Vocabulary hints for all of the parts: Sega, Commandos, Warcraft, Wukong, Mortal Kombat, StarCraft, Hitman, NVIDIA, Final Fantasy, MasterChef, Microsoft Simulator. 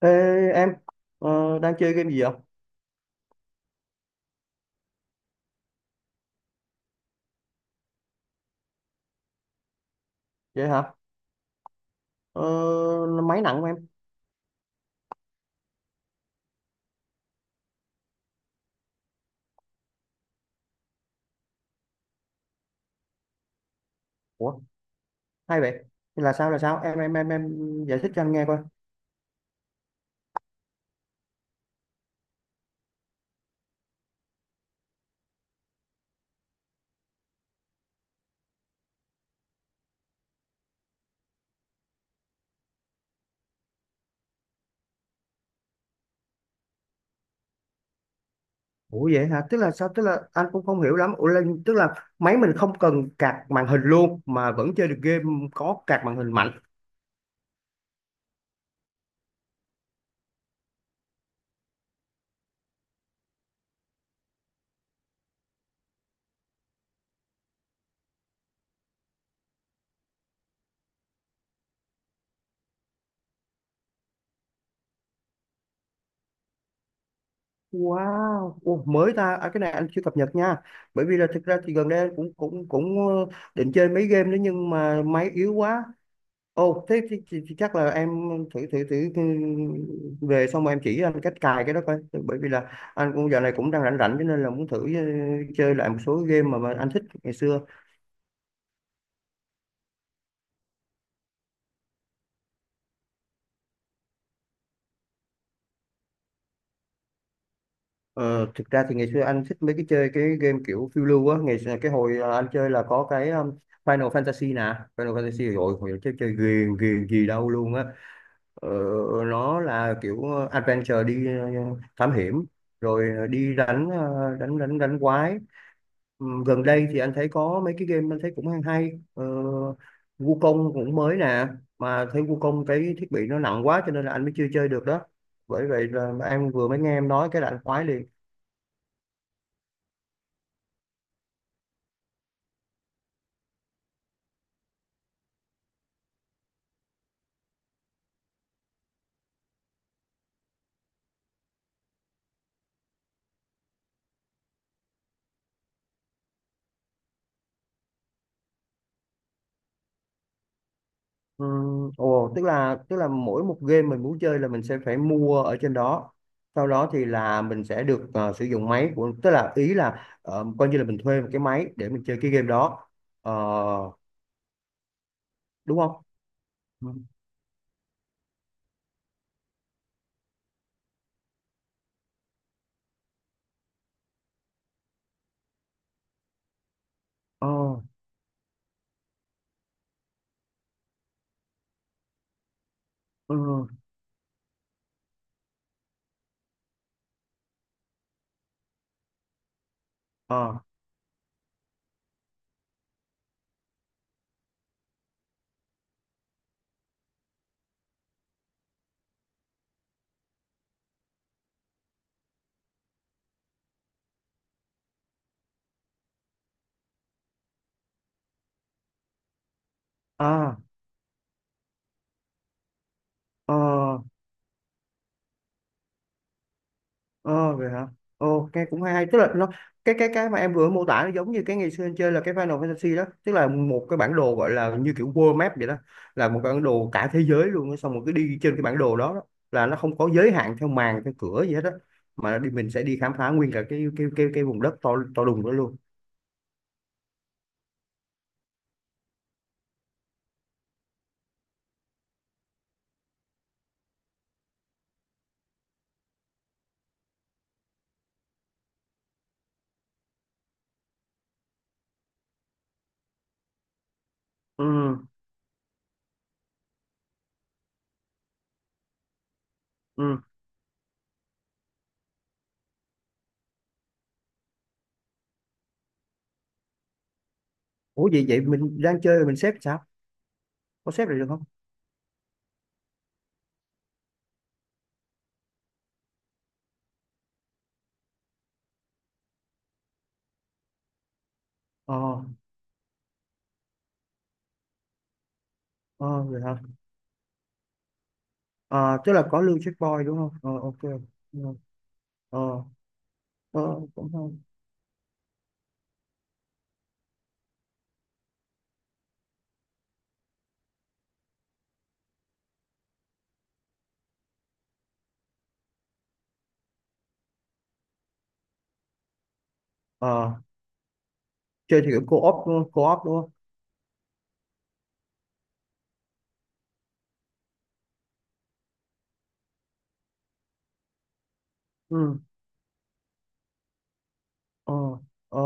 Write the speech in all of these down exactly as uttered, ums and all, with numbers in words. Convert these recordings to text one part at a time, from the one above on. Ê, em ờ, đang chơi game gì vậy? Vậy hả? Ờ, máy nặng của em. Ủa, hay vậy. Thì Là sao là sao? Em em em em giải thích cho anh nghe coi. Ủa vậy hả? Tức là sao? Tức là anh cũng không hiểu lắm. Ủa là, tức là máy mình không cần card màn hình luôn mà vẫn chơi được game có card màn hình mạnh. Wow, ủa, mới ta. À, cái này anh chưa cập nhật nha. Bởi vì là thực ra thì gần đây anh cũng cũng cũng ờ, định chơi mấy game đó nhưng mà máy yếu quá. Ồ, thế, thì thì thì chắc là em thử thử thử ừ, về xong rồi em chỉ anh cách cài cái đó coi. Bởi vì là anh cũng giờ này cũng đang rảnh rảnh cho nên là muốn thử ừ, chơi lại một số game mà, mà anh thích ngày xưa. Ờ, thực ra thì ngày xưa anh thích mấy cái chơi cái game kiểu phiêu lưu á. Ngày xưa, cái hồi ờ, anh chơi là có cái um, Final Fantasy nè. Final Fantasy rồi hồi chơi chơi ghiền ghiền gì đâu luôn á. Ờ, nó là kiểu ờ, adventure đi ờ, thám hiểm rồi ờ, đi đánh ờ, đánh đánh đánh quái. Ừ, gần đây thì anh thấy có mấy cái game anh thấy cũng hay hay ờ, Wukong cũng mới nè mà thấy Wukong cái thiết bị nó nặng quá cho nên là anh mới chưa chơi được đó, bởi vậy là em vừa mới nghe em nói cái là anh khoái liền. Ừ, ồ tức là tức là mỗi một game mình muốn chơi là mình sẽ phải mua ở trên đó, sau đó thì là mình sẽ được ờ, sử dụng máy của tức là ý là ờ, coi như là mình thuê một cái máy để mình chơi cái game đó. Ờ, đúng không? Ừ. Ờ, ừ, ờ, à, à, ờ, Ờ vậy hả? Ồ, nghe cũng hay hay. Tức là nó cái cái cái mà em vừa mô tả nó giống như cái ngày xưa anh chơi là cái Final Fantasy đó, tức là một cái bản đồ gọi là như kiểu world map vậy đó, là một bản đồ cả thế giới luôn, á. Xong rồi cứ đi trên cái bản đồ đó, đó là nó không có giới hạn theo màn theo cửa gì hết đó, mà đi mình sẽ đi khám phá nguyên cả cái cái cái cái vùng đất to to đùng đó luôn. Ừ, ừ. Ủa vậy vậy mình đang chơi rồi mình xếp sao? Có xếp được không? Ờ, ờ vậy hả? Ờ, tức là có lưu checkpoint đúng không? Ờ ok. Ờ, ờ, Ờ, cũng hay. Ờ, chơi thì kiểu co-op đúng không? Co-op đúng không? ừ ờ ờ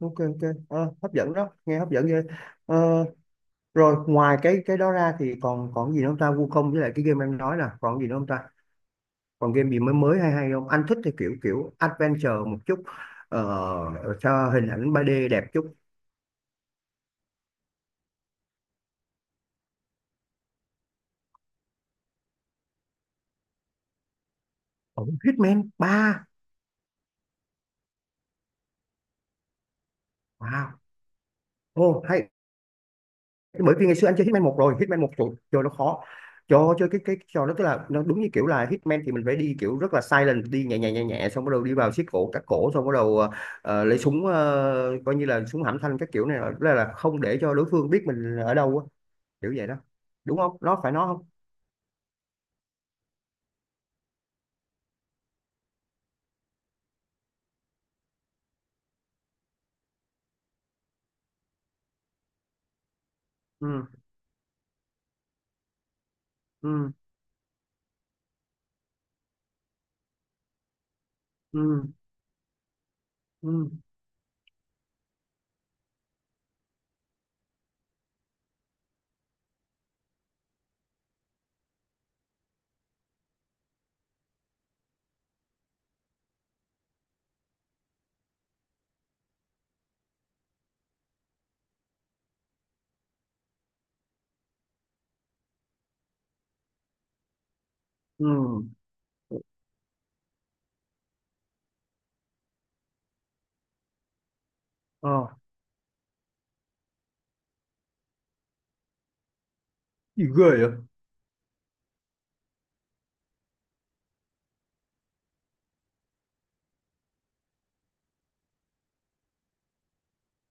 ok ok. Ờ, hấp dẫn đó, nghe hấp dẫn ghê. Ờ, rồi ngoài cái cái đó ra thì còn còn gì nữa không ta? Wukong với lại cái game em nói là còn gì nữa không ta? Còn game gì mới mới hay hay không? Anh thích thì kiểu kiểu adventure một chút, ờ, cho hình ảnh ba đê đẹp chút. Ồ, Hitman ba, wow, ô hay. Bởi vì ngày xưa anh chơi Hitman một rồi Hitman một trời, trời nó khó cho chơi cái cái trò đó, tức là nó đúng như kiểu là Hitman thì mình phải đi kiểu rất là silent, đi nhẹ nhẹ nhẹ nhẹ xong bắt đầu đi vào siết cổ cắt cổ xong bắt đầu ờ, ờ, lấy súng ờ, coi như là súng hãm thanh các kiểu này, là, là không để cho đối phương biết mình ở đâu á, kiểu vậy đó đúng không? Nó phải nó không? ừ ừ ừ ừ ừ ờ Gì ghê vậy?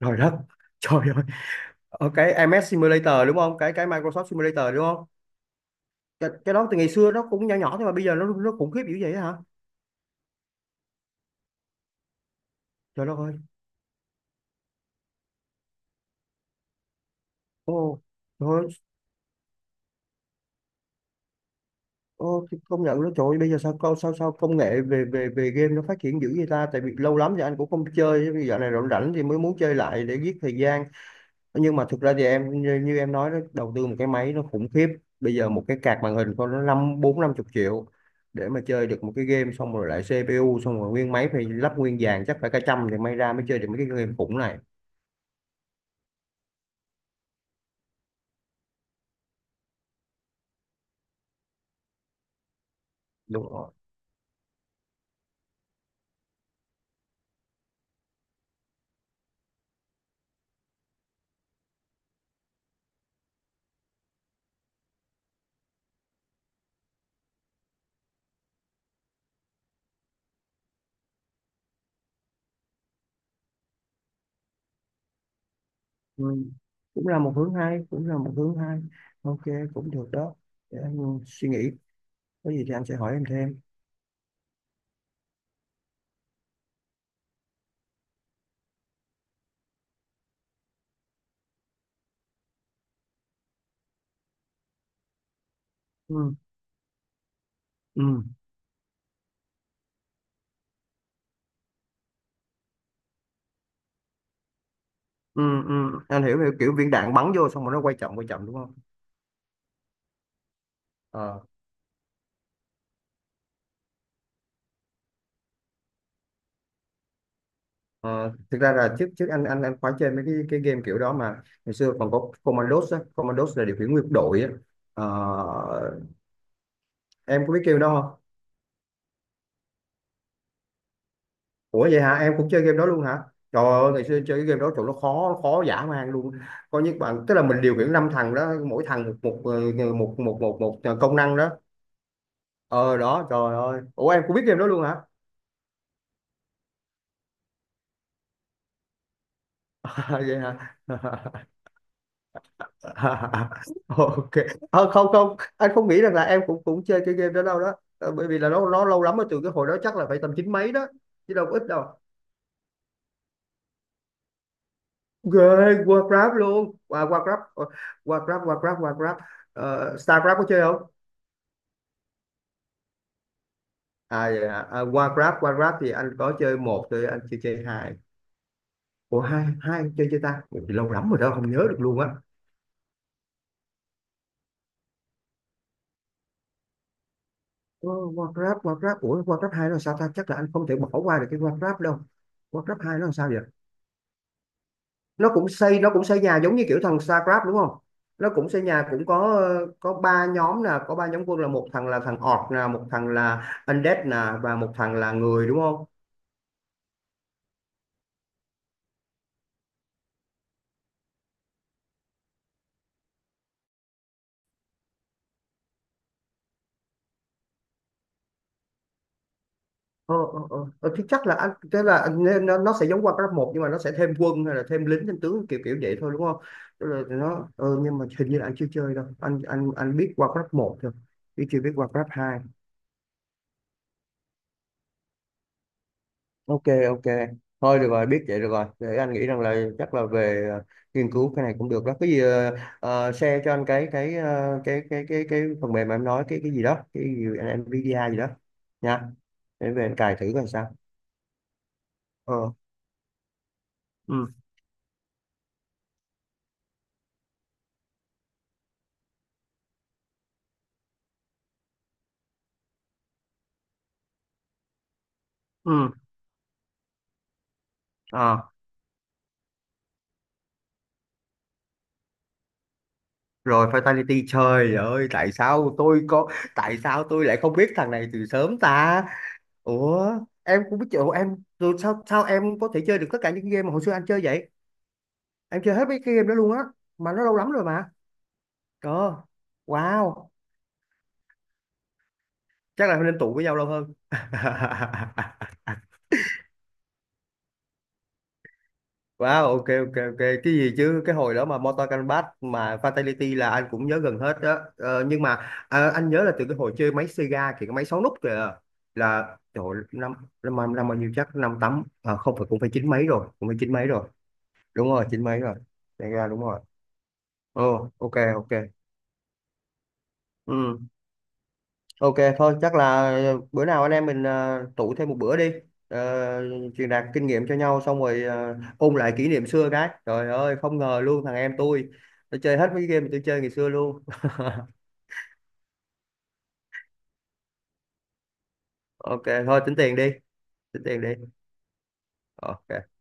Trời đất, trời ơi ở cái em ét Simulator đúng không, cái cái Microsoft Simulator đúng không? Cái, cái đó từ ngày xưa nó cũng nhỏ nhỏ thôi mà bây giờ nó nó khủng khiếp dữ vậy hả? Trời đất ơi. Ô, trời ơi. Ô, thì công nhận đó trời ơi, bây giờ sao co- sao sao công nghệ về về về game nó phát triển dữ vậy ta, tại vì lâu lắm thì anh cũng không chơi, bây giờ này rảnh rảnh thì mới muốn chơi lại để giết thời gian. Nhưng mà thực ra thì em như, như em nói đó, đầu tư một cái máy nó khủng khiếp. Bây giờ một cái card màn hình con nó năm bốn năm chục triệu để mà chơi được một cái game, xong rồi lại si pi u, xong rồi nguyên máy phải lắp nguyên dàn chắc phải cả trăm thì may ra mới chơi được mấy cái game khủng này. Đúng. Ừ. Cũng là một hướng hay, cũng là một hướng hay. Ok, cũng được đó. Để anh suy nghĩ. Có gì thì anh sẽ hỏi em thêm. Ừ. Ừ. Ừ. Ừ. Anh hiểu, hiểu kiểu viên đạn bắn vô xong rồi nó quay chậm quay chậm đúng không? Ờ. Ờ, thực ra là trước trước anh anh anh khoái chơi mấy cái cái game kiểu đó mà ngày xưa còn có Commandos á, Commandos là điều khiển nguyên đội á. Ờ, em có biết kêu đó không? Ủa vậy hả? Em cũng chơi game đó luôn hả? Trời ơi, ngày xưa chơi cái game đó trời nó khó khó dã man luôn. Có những bạn tức là mình điều khiển năm thằng đó, mỗi thằng một một ờ, một một một, một, ờ, công năng đó. Ờ đó, trời ơi. Ủa em cũng biết game đó luôn hả? vậy hả? Ok. Ờ, không không, anh không nghĩ rằng là em cũng cũng chơi cái game đó đâu đó. Ờ, bởi vì là nó nó lâu lắm rồi, từ cái hồi đó chắc là phải tầm chín mấy đó, chứ đâu có ít đâu. Ghê, Warcraft luôn. À, Warcraft, ờ, Warcraft, Warcraft, Warcraft. Ờ, StarCraft có chơi không? À, vậy hả? À, qua Grab qua Grab thì anh có chơi một, chơi anh chưa chơi hai. Ủa hai hai anh chơi chơi ta? Ủa, thì lâu lắm rồi đó không nhớ được luôn á. Ờ, qua Grab qua Grab ủa qua Grab hai nó sao ta? Chắc là anh không thể bỏ qua được cái qua Grab đâu. Qua Grab hai nó làm sao vậy? Nó cũng xây nó cũng xây nhà giống như kiểu thằng Star Grab đúng không? Nó cũng xây nhà cũng có ờ, có ba nhóm nè, có ba nhóm quân là một thằng là thằng orc nè, một thằng là undead nè, và một thằng là người đúng không? ờ ờ ờ Ờ, thì chắc là anh thế là anh nên nó, nó sẽ giống qua cấp một nhưng mà nó sẽ thêm quân hay là thêm lính thêm tướng kiểu kiểu vậy thôi đúng không? Tức là nó ờ, nhưng mà hình như là anh chưa chơi đâu, anh anh anh biết qua cấp một thôi chứ chưa biết qua cấp hai. Ok ok, thôi được rồi biết vậy được rồi, để anh nghĩ rằng là chắc là về ờ, nghiên cứu cái này cũng được đó, cái gì ờ, ờ, share cho anh cái cái ờ, cái cái cái cái phần mềm mà em nói cái cái gì đó, cái gì NVIDIA gì đó nha, để về anh cài thử coi sao. ờ ừ ừ à Rồi fatality trời ơi tại sao tôi có, tại sao tôi lại không biết thằng này từ sớm ta? Ủa em cũng biết chỗ em rồi sao sao em có thể chơi được tất cả những game mà hồi xưa anh chơi vậy? Em chơi hết mấy cái game đó luôn á, mà nó lâu lắm rồi mà. ờ wow Chắc là nên tụ với nhau lâu hơn. Wow, ok ok ok, cái gì chứ cái hồi đó mà Mortal Kombat mà Fatality là anh cũng nhớ gần hết đó. Ờ, nhưng mà ờ, anh nhớ là từ cái hồi chơi máy Sega kìa, cái máy sáu nút kìa, là trời ơi, năm năm năm năm bao nhiêu, chắc năm tám à, không phải, cũng phải chín mấy rồi, cũng phải chín mấy rồi. Đúng rồi chín mấy rồi. Sega đúng rồi. Ồ ok ok. Ừ. Ok thôi chắc là ờ, bữa nào anh em mình ờ, tụ thêm một bữa đi. Ờ, truyền đạt kinh nghiệm cho nhau xong rồi ờ, ôn lại kỷ niệm xưa, cái trời ơi không ngờ luôn thằng em tôi nó chơi hết mấy cái game mà tôi chơi ngày xưa luôn. Ok thôi tính tiền đi, tính tiền đi. Ok.